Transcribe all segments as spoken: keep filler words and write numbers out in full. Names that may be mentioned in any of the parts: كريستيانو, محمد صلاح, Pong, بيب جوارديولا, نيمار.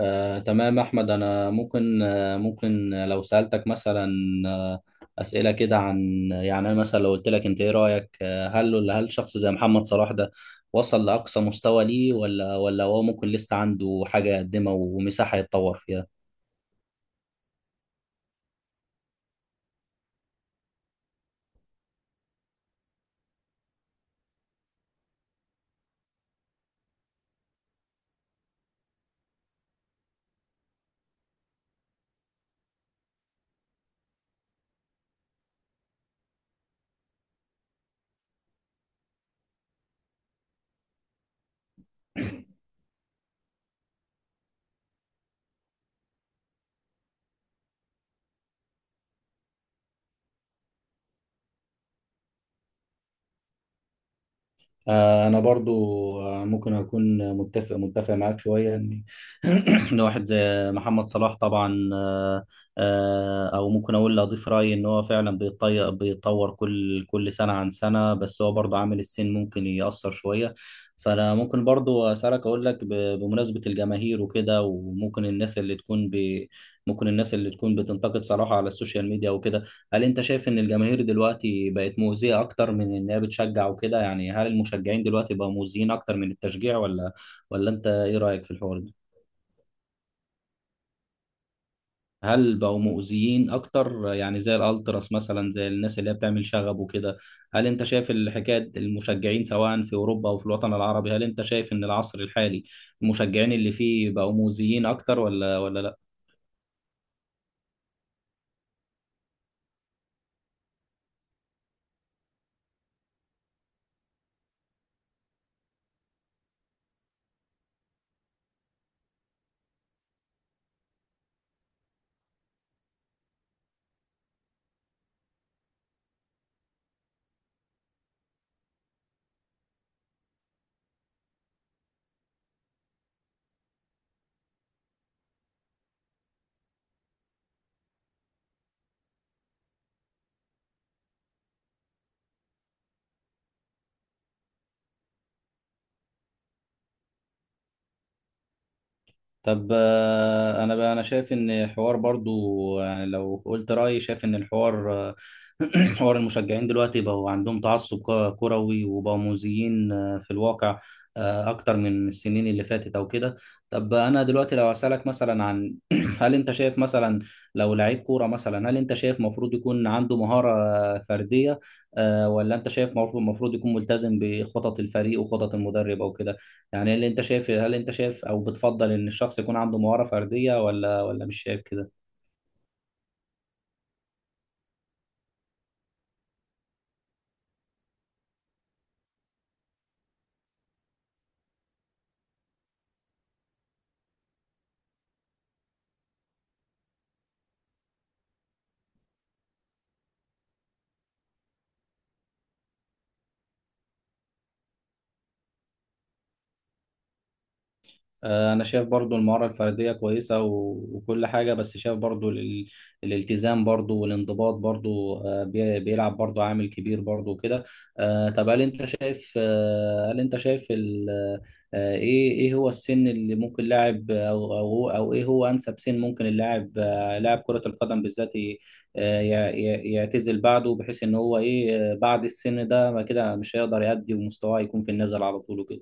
آه، تمام أحمد، أنا ممكن آه، ممكن لو سألتك مثلا آه، أسئلة كده عن يعني أنا مثلا لو قلت لك أنت إيه رأيك؟ آه، هل ولا هل شخص زي محمد صلاح ده وصل لأقصى مستوى ليه، ولا ولا هو ممكن لسه عنده حاجة يقدمها ومساحة يتطور فيها؟ آه، انا برضو آه، ممكن اكون متفق متفق معاك شويه ان ان واحد زي محمد صلاح طبعا آه، آه، او ممكن اقول لأ، اضيف رايي ان هو فعلا بيطي- بيتطور كل كل سنه عن سنه، بس هو برضو عامل السن ممكن ياثر شويه. فانا ممكن برضو اسالك، اقول لك ب- بمناسبه الجماهير وكده، وممكن الناس اللي تكون ب... ممكن الناس اللي تكون بتنتقد صلاح على السوشيال ميديا وكده، هل انت شايف ان الجماهير دلوقتي بقت مؤذية اكتر من انها بتشجع وكده؟ يعني هل المشجعين دلوقتي بقوا مؤذيين اكتر من التشجيع، ولا ولا انت ايه رأيك في الحوار ده؟ هل بقوا مؤذيين اكتر؟ يعني زي الالتراس مثلا، زي الناس اللي هي بتعمل شغب وكده، هل انت شايف الحكاية المشجعين سواء في اوروبا او في الوطن العربي؟ هل انت شايف ان العصر الحالي المشجعين اللي فيه بقوا مؤذيين اكتر، ولا ولا لا؟ طب آه، انا بقى انا شايف ان حوار برضو، يعني لو قلت رايي، شايف ان الحوار آه، حوار المشجعين دلوقتي بقوا عندهم تعصب ك- كروي وبقوا مؤذيين آه، في الواقع آه، اكتر من السنين اللي فاتت او كده. طب انا دلوقتي لو اسالك مثلا عن هل انت شايف مثلا لو لعيب كوره مثلا، هل انت شايف مفروض يكون عنده مهاره آه، فرديه آه،، ولا انت شايف مفروض مفروض يكون ملتزم بخطط الفريق وخطط المدرب او كده؟ يعني اللي انت شايف، هل انت شايف او بتفضل ان الشخص يكون عنده مهارة فردية ولا ولا مش شايف كده؟ آه، انا شايف برضو المهارة الفردية كويسة، و- وكل حاجة، بس شايف برضو ال- الالتزام برضو والانضباط برضو آه، بي- بيلعب برضو عامل كبير برضو وكده. آه، طب هل انت شايف آه، هل انت شايف ال- آه، ايه ايه هو السن اللي ممكن لاعب، او او او ايه هو انسب سن ممكن اللاعب آه، لاعب كرة القدم بالذات ي- آه، ي- ي- يعتزل بعده، بحيث ان هو ايه آه، بعد السن ده ما كده مش هيقدر يأدي ومستواه يكون في النزل على طول وكده؟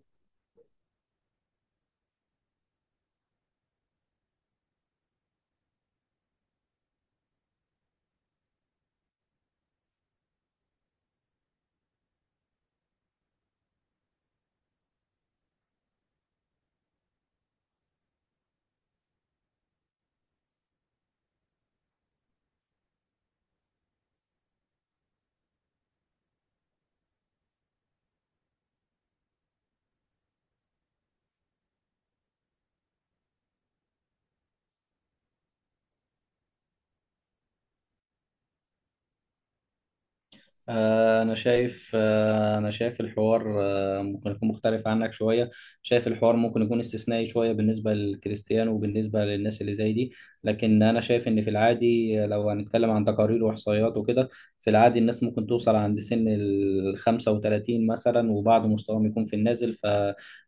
آه، أنا شايف آه، أنا شايف الحوار آه، ممكن يكون مختلف عنك شوية. شايف الحوار ممكن يكون استثنائي شوية بالنسبة للكريستيانو وبالنسبة للناس اللي زي دي، لكن أنا شايف إن في العادي آه، لو هنتكلم عن تقارير وإحصائيات وكده، في العادي الناس ممكن توصل عند سن ال خمسة وثلاثين مثلا، وبعض مستواهم يكون في النازل. ف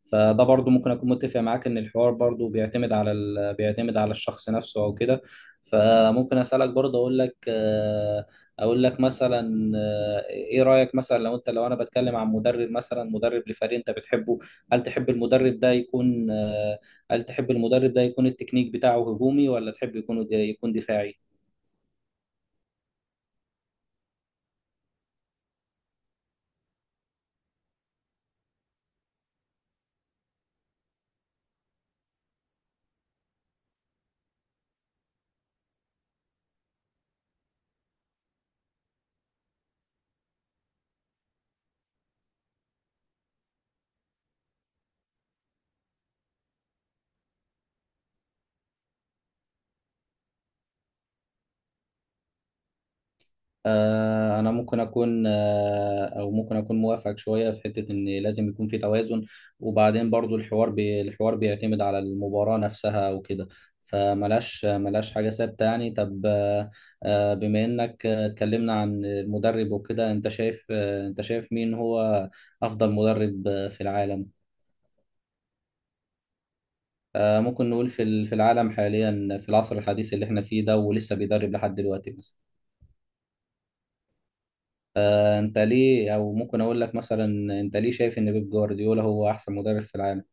فده برضو ممكن أكون متفق معاك إن الحوار برضو بيعتمد على ال... بيعتمد على الشخص نفسه أو كده. فممكن أسألك برضو، أقول لك آه، اقول لك مثلا آه، ايه رايك مثلا، لو انت لو انا بتكلم عن مدرب مثلا، مدرب لفريق انت بتحبه، هل تحب المدرب ده يكون آه، هل تحب المدرب ده يكون التكنيك بتاعه هجومي، ولا تحب يكون يكون دفاعي؟ آه، أنا ممكن أكون آه، أو ممكن أكون موافقك شوية في حتة إن لازم يكون في توازن، وبعدين برضو الحوار بي الحوار بيعتمد على المباراة نفسها وكده، فملاش ملاش حاجة ثابتة يعني. طب آه، آه، بما إنك آه، اتكلمنا عن المدرب وكده، أنت شايف آه، أنت شايف مين هو أفضل مدرب آه، في العالم؟ آه، ممكن نقول في ال- في العالم حاليا، في العصر الحديث اللي إحنا فيه ده ولسه بيدرب لحد دلوقتي مثلا. آه، انت ليه، او ممكن اقول لك مثلا، انت ليه شايف ان بيب جوارديولا هو احسن مدرب في العالم؟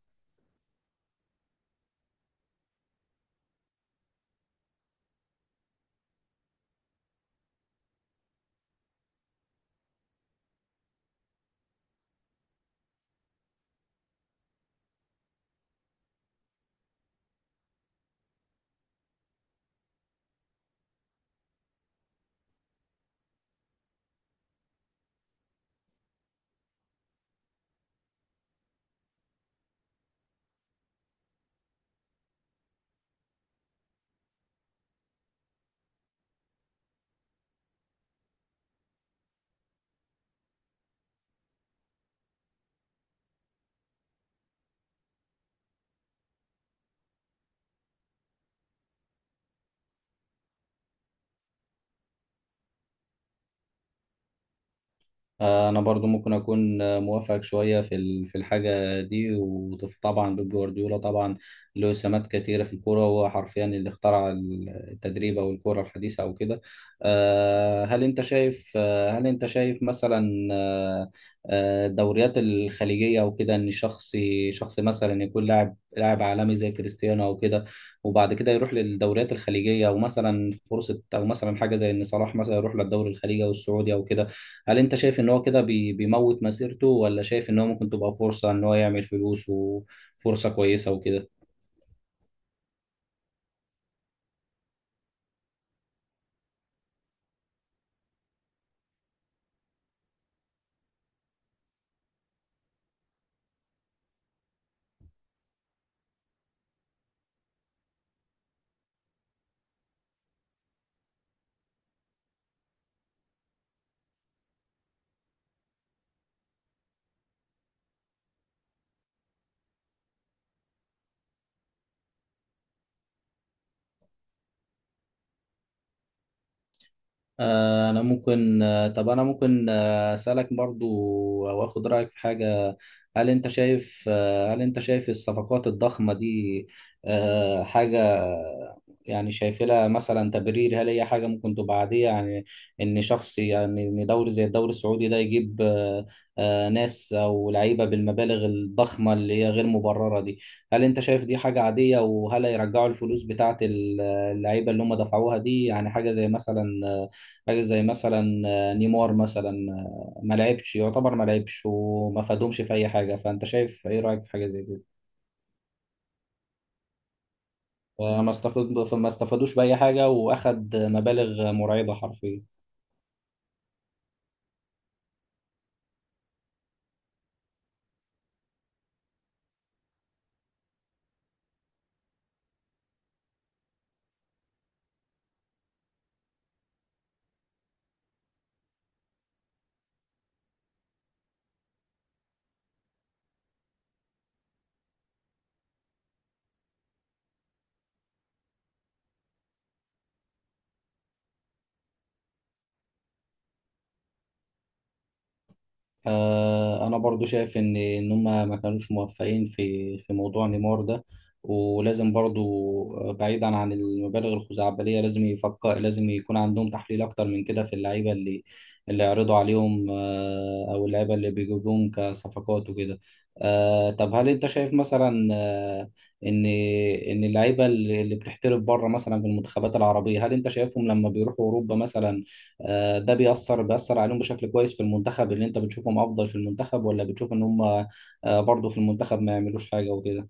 آه، انا برضو ممكن اكون آه، موافقك شويه في ال- في الحاجه دي، وطبعا بيب جوارديولا طبعا له سمات كتيره في الكوره، وهو حرفيا اللي اخترع التدريب او الكوره الحديثه او كده. آه، هل انت شايف آه، هل انت شايف مثلا آه، آه، الدوريات الخليجيه او كده، ان شخص، شخص مثلا يكون لاعب لاعب عالمي زي كريستيانو او كده، وبعد كده يروح للدوريات الخليجيه، او مثلا فرصه، او مثلا حاجه زي ان صلاح مثلا يروح للدوري الخليجي او السعودي او كده، هل انت شايف ان هو كده بي- بيموت مسيرته، ولا شايف ان هو ممكن تبقى فرصة ان هو يعمل فلوس وفرصة كويسة وكده؟ آه، انا ممكن آه، طب انا ممكن آه، اسالك برضو او اخد رايك في حاجه. هل انت شايف آه، هل انت شايف الصفقات الضخمه دي آه، حاجه، يعني شايف لها مثلا تبرير؟ هل هي حاجه ممكن تبقى عاديه يعني، ان شخص، يعني ان دوري زي الدوري السعودي ده يجيب آه، آه، ناس او لعيبه بالمبالغ الضخمه اللي هي غير مبرره دي؟ هل انت شايف دي حاجه عاديه، وهل هيرجعوا الفلوس بتاعت اللعيبه اللي هم دفعوها دي؟ يعني حاجه زي مثلا، حاجة زي مثلا آه، نيمار مثلا آه، ما لعبش، يعتبر ما لعبش وما فادهمش في أي حاجة، فأنت شايف إيه رأيك في حاجة زي كده؟ آه، ما استفاد، ما استفادوش بأي حاجة وأخد مبالغ مرعبة حرفيا. آه، انا برضو شايف ان ان هم ما كانوش موفقين في في موضوع نيمار ده، ولازم برضو آه، بعيدا عن المبالغ الخزعبليه، لازم يفكر، لازم يكون عندهم تحليل اكتر من كده في اللعيبه اللي، اللي يعرضوا عليهم آه، او اللعيبه اللي بيجيبوهم كصفقات وكده. آه، طب هل انت شايف مثلا آه، ان ان اللعيبه اللي، اللي بتحترف بره مثلا في المنتخبات العربيه، هل انت شايفهم لما بيروحوا اوروبا مثلا آه، ده بيأثر بيأثر عليهم بشكل كويس في المنتخب، اللي انت بتشوفهم افضل في المنتخب، ولا بتشوف ان هم آه، برضو في المنتخب ما يعملوش حاجة وكده؟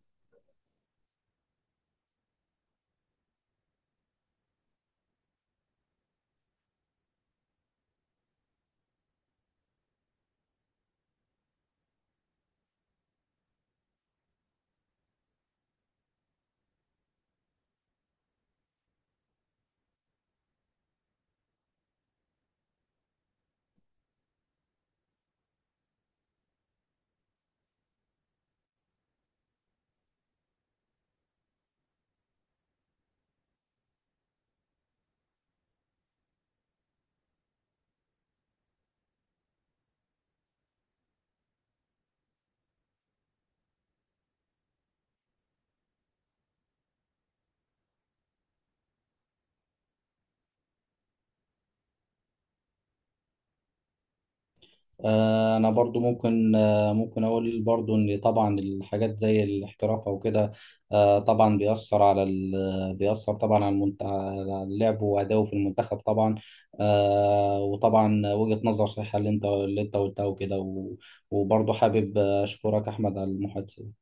آه، انا برضو ممكن آه، ممكن اقول برضو ان طبعا الحاجات زي الاحتراف او كده آه، طبعا بيأثر على ال... بيأثر طبعا على, المنت... على لعبه وأداؤه في المنتخب طبعا آه، وطبعا وجهة نظر صحيحة اللي انت، اللي انت قلتها وكده و... وبرضو حابب اشكرك احمد على المحادثة.